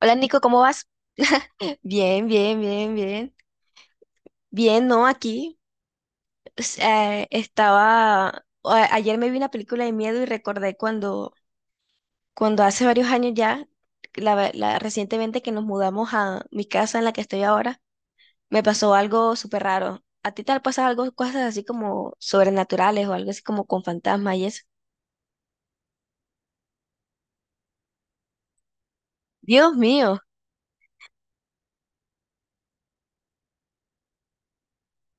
Hola Nico, ¿cómo vas? Bien, bien, bien, bien. Bien, no, aquí estaba, ayer me vi una película de miedo y recordé cuando, cuando hace varios años ya, recientemente que nos mudamos a mi casa en la que estoy ahora, me pasó algo súper raro. ¿A ti te ha pasado algo, cosas así como sobrenaturales o algo así como con fantasmas y eso? Dios mío.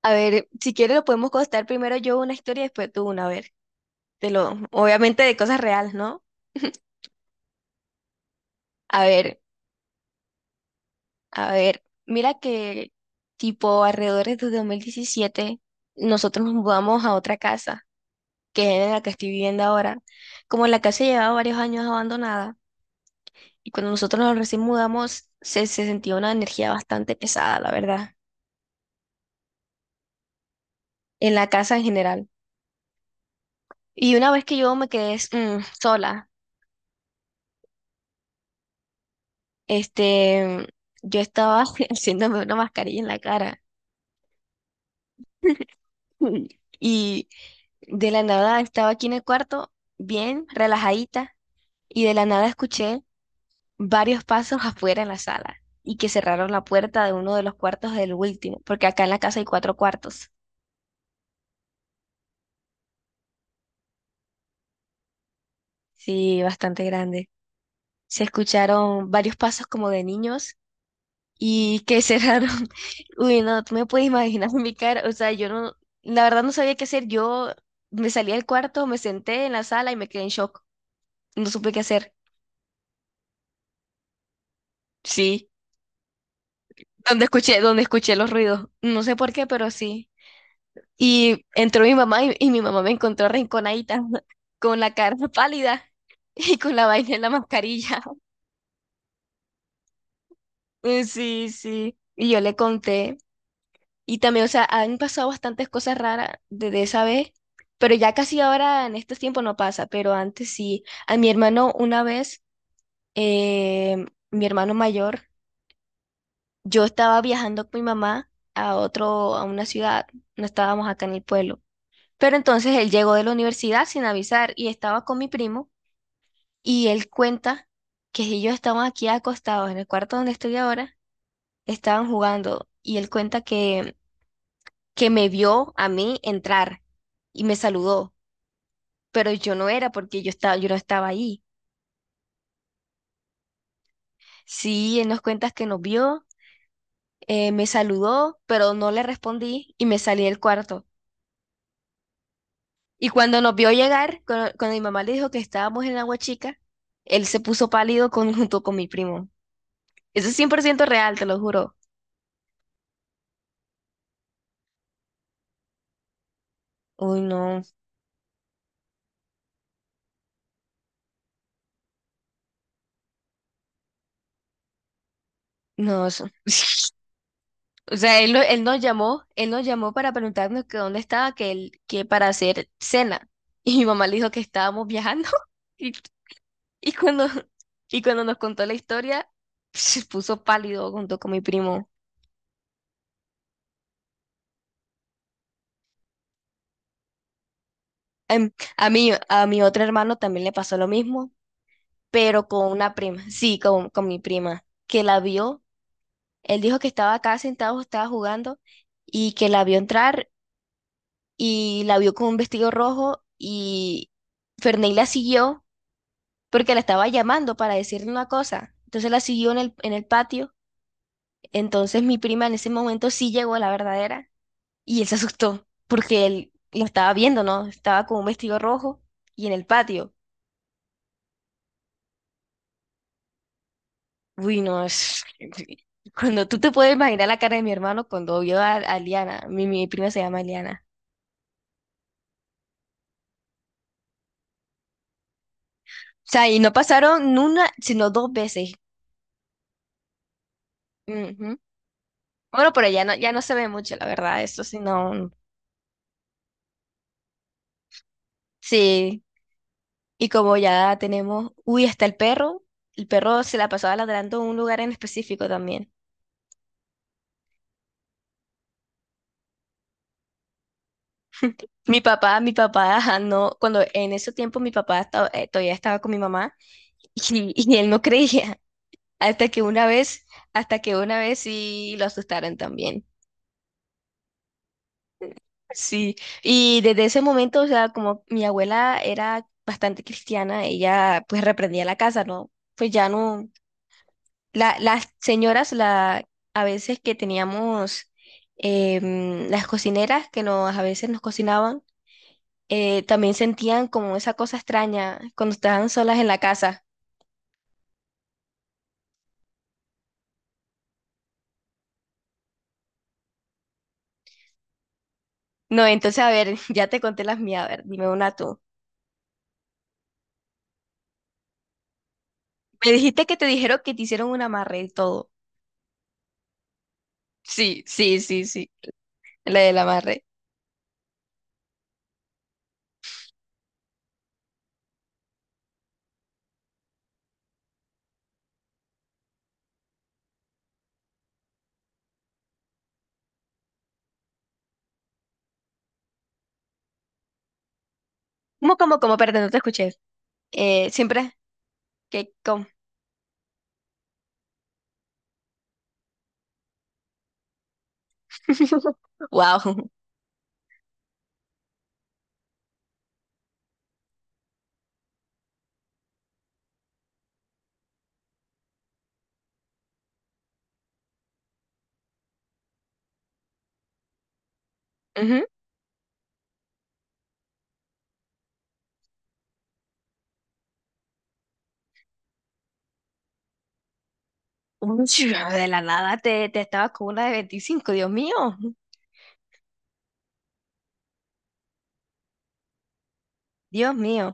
A ver, si quieres lo podemos contar primero yo una historia y después tú una, a ver. Te lo, obviamente de cosas reales, ¿no? A ver. A ver, mira que tipo alrededor de 2017 nosotros nos mudamos a otra casa, que es en la que estoy viviendo ahora. Como la casa llevaba varios años abandonada y cuando nosotros nos recién mudamos se sentía una energía bastante pesada, la verdad, en la casa en general. Y una vez que yo me quedé sola, este, yo estaba haciéndome una mascarilla en la cara. Y de la nada estaba aquí en el cuarto, bien relajadita, y de la nada escuché varios pasos afuera en la sala y que cerraron la puerta de uno de los cuartos del último, porque acá en la casa hay cuatro cuartos, sí, bastante grande. Se escucharon varios pasos como de niños y que cerraron. Uy, no, tú me puedes imaginar mi cara, o sea, yo no, la verdad no sabía qué hacer, yo me salí del cuarto, me senté en la sala y me quedé en shock, no supe qué hacer, sí. Donde escuché los ruidos. No sé por qué, pero sí. Y entró mi mamá y mi mamá me encontró arrinconadita, con la cara pálida y con la vaina en la mascarilla. Sí, sí. Y yo le conté. Y también, o sea, han pasado bastantes cosas raras desde esa vez, pero ya casi ahora en estos tiempos no pasa, pero antes sí. A mi hermano una vez, eh, mi hermano mayor, yo estaba viajando con mi mamá a otro, a una ciudad, no estábamos acá en el pueblo. Pero entonces él llegó de la universidad sin avisar y estaba con mi primo. Y él cuenta que si yo estamos aquí acostados en el cuarto donde estoy ahora, estaban jugando y él cuenta que me vio a mí entrar y me saludó, pero yo no era porque yo no estaba ahí. Sí, él nos cuenta que nos vio, me saludó, pero no le respondí y me salí del cuarto. Y cuando nos vio llegar, cuando mi mamá le dijo que estábamos en Agua Chica, él se puso pálido con, junto con mi primo. Eso es 100% real, te lo juro. Uy, no, no, eso. O sea, él, no- él nos llamó para preguntarnos que dónde estaba, que él, que para hacer cena. Y mi mamá le dijo que estábamos viajando. Y, y cuando, y cuando nos contó la historia, se puso pálido junto con mi primo. A mí, a mi otro hermano también le pasó lo mismo, pero con una prima. Sí, con mi prima, que la vio. Él dijo que estaba acá sentado, estaba jugando, y que la vio entrar, y la vio con un vestido rojo, y Ferney la siguió porque la estaba llamando para decirle una cosa. Entonces la siguió en en el patio. Entonces mi prima en ese momento sí llegó a la verdadera y él se asustó porque él lo estaba viendo, ¿no? Estaba con un vestido rojo y en el patio. Uy, no, es... Cuando tú te puedes imaginar la cara de mi hermano cuando vio a Liana, mi prima se llama Liana. O sea, y no pasaron ni una, sino dos veces. Ujú. Bueno, pero ya no, ya no se ve mucho, la verdad, eso sí, no. No. Sí, y como ya tenemos, uy, hasta el perro se la pasaba ladrando en un lugar en específico también. Mi papá, ajá, no, cuando en ese tiempo todavía estaba con mi mamá y él no creía, hasta que una vez, hasta que una vez sí lo asustaron también. Sí, y desde ese momento, o sea, como mi abuela era bastante cristiana, ella pues reprendía la casa, ¿no? Pues ya no, las señoras, a veces que teníamos las cocineras que nos, a veces nos cocinaban, también sentían como esa cosa extraña cuando estaban solas en la casa. No, entonces, a ver, ya te conté las mías, a ver, dime una tú. Me dijiste que te dijeron que te hicieron un amarre y todo. Sí, sí, sí, sí, la del amarre. ¿Cómo, cómo, cómo? Perdón, no te escuché. Siempre, que cómo. Wow. Ujú. Uy, de la nada te estabas con una de 25. Dios mío. Dios mío.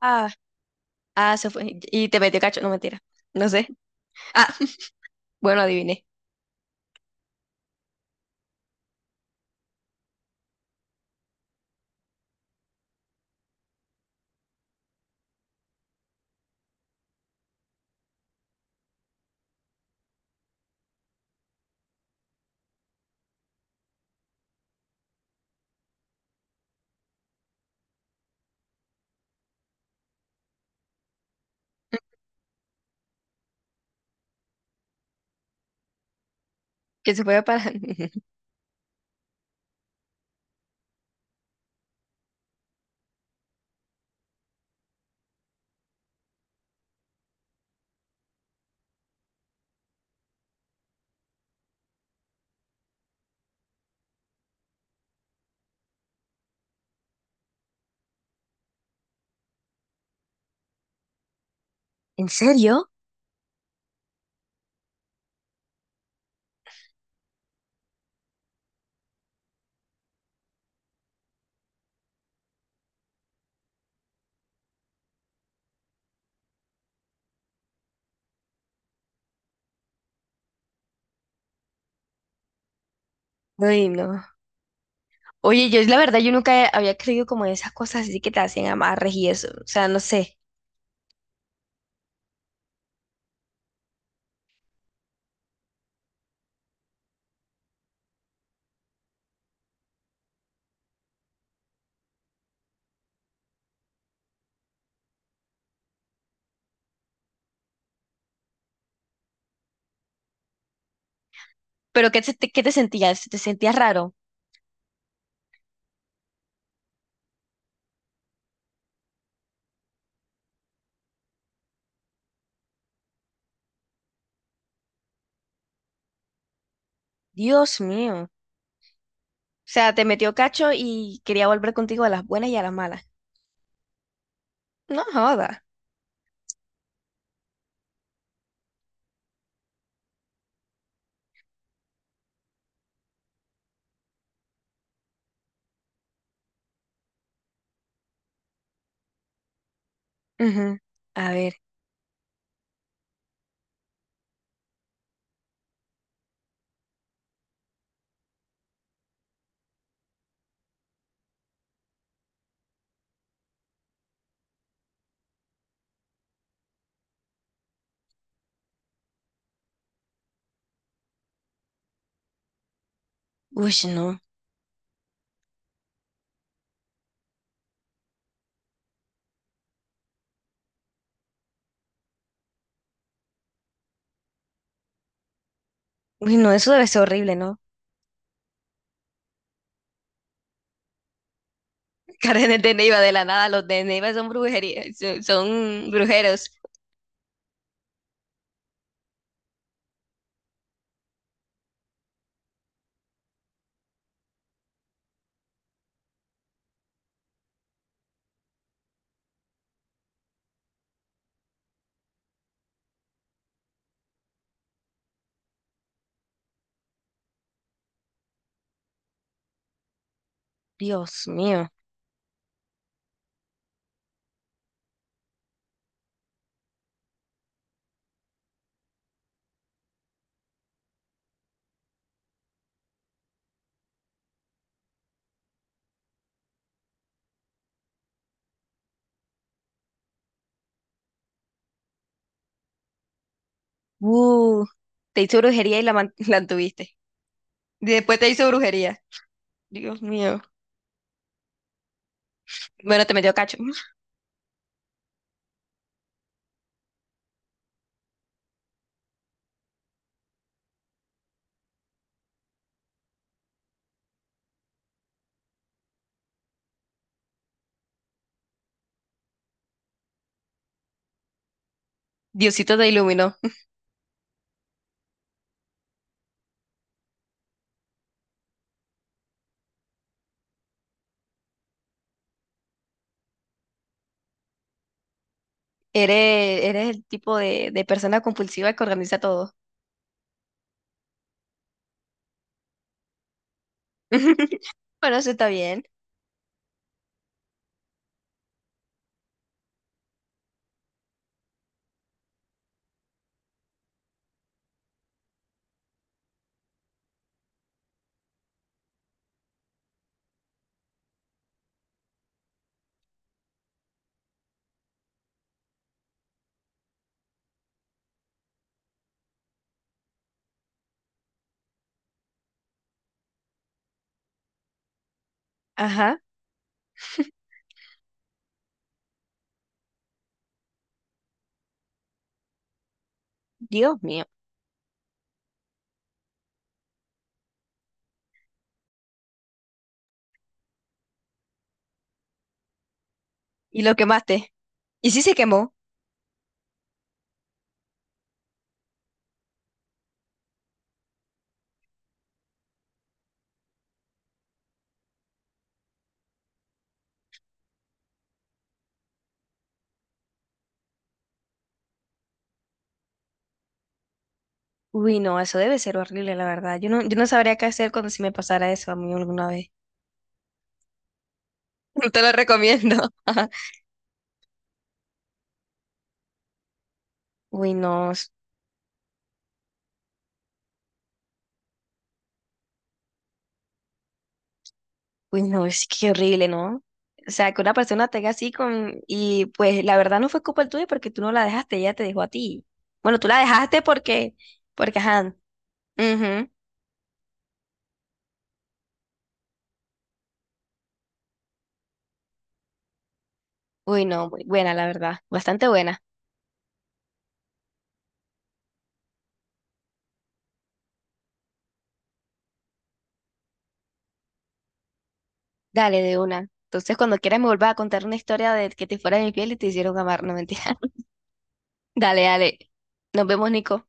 Ah, ah, se fue. Y te metió cacho. No, mentira. No sé. Ah, bueno, adiviné. Que se fue para. ¿En serio? Ay, no. Oye, yo la verdad, yo nunca había creído como en esas cosas así que te hacían amarres y eso. O sea, no sé. Pero ¿qué te sentías? ¿Te sentías raro? Dios mío. O sea, te metió cacho y quería volver contigo a las buenas y a las malas. No joda. Ujú. A ver. Uy, no. Uy, no, eso debe ser horrible, ¿no? Karen de Neiva, de la nada, los de Neiva son brujería, son brujeros. Dios mío. Uh, te hizo brujería la tuviste. Después te hizo brujería. Dios mío. Bueno, te metió cacho. Diosito te iluminó. Eres, eres el tipo de persona compulsiva que organiza todo. Bueno, eso está bien. Ajá. Dios mío. Y lo quemaste. ¿Y si se quemó? Uy, no, eso debe ser horrible, la verdad. Yo no, yo no sabría qué hacer cuando si me pasara eso a mí alguna vez. No te lo recomiendo. Uy, no, es- Uy, no, es que horrible, ¿no? O sea, que una persona te haga así con... Y pues la verdad no fue culpa tuya porque tú no la dejaste, ella te dejó a ti. Bueno, tú la dejaste porque... Porque, ajá. Ujú. Uy, no, muy buena, la verdad. Bastante buena. Dale, de una. Entonces, cuando quieras me vuelvas a contar una historia de que te fuera de mi piel y te hicieron amar, no mentira. Dale, dale. Nos vemos, Nico.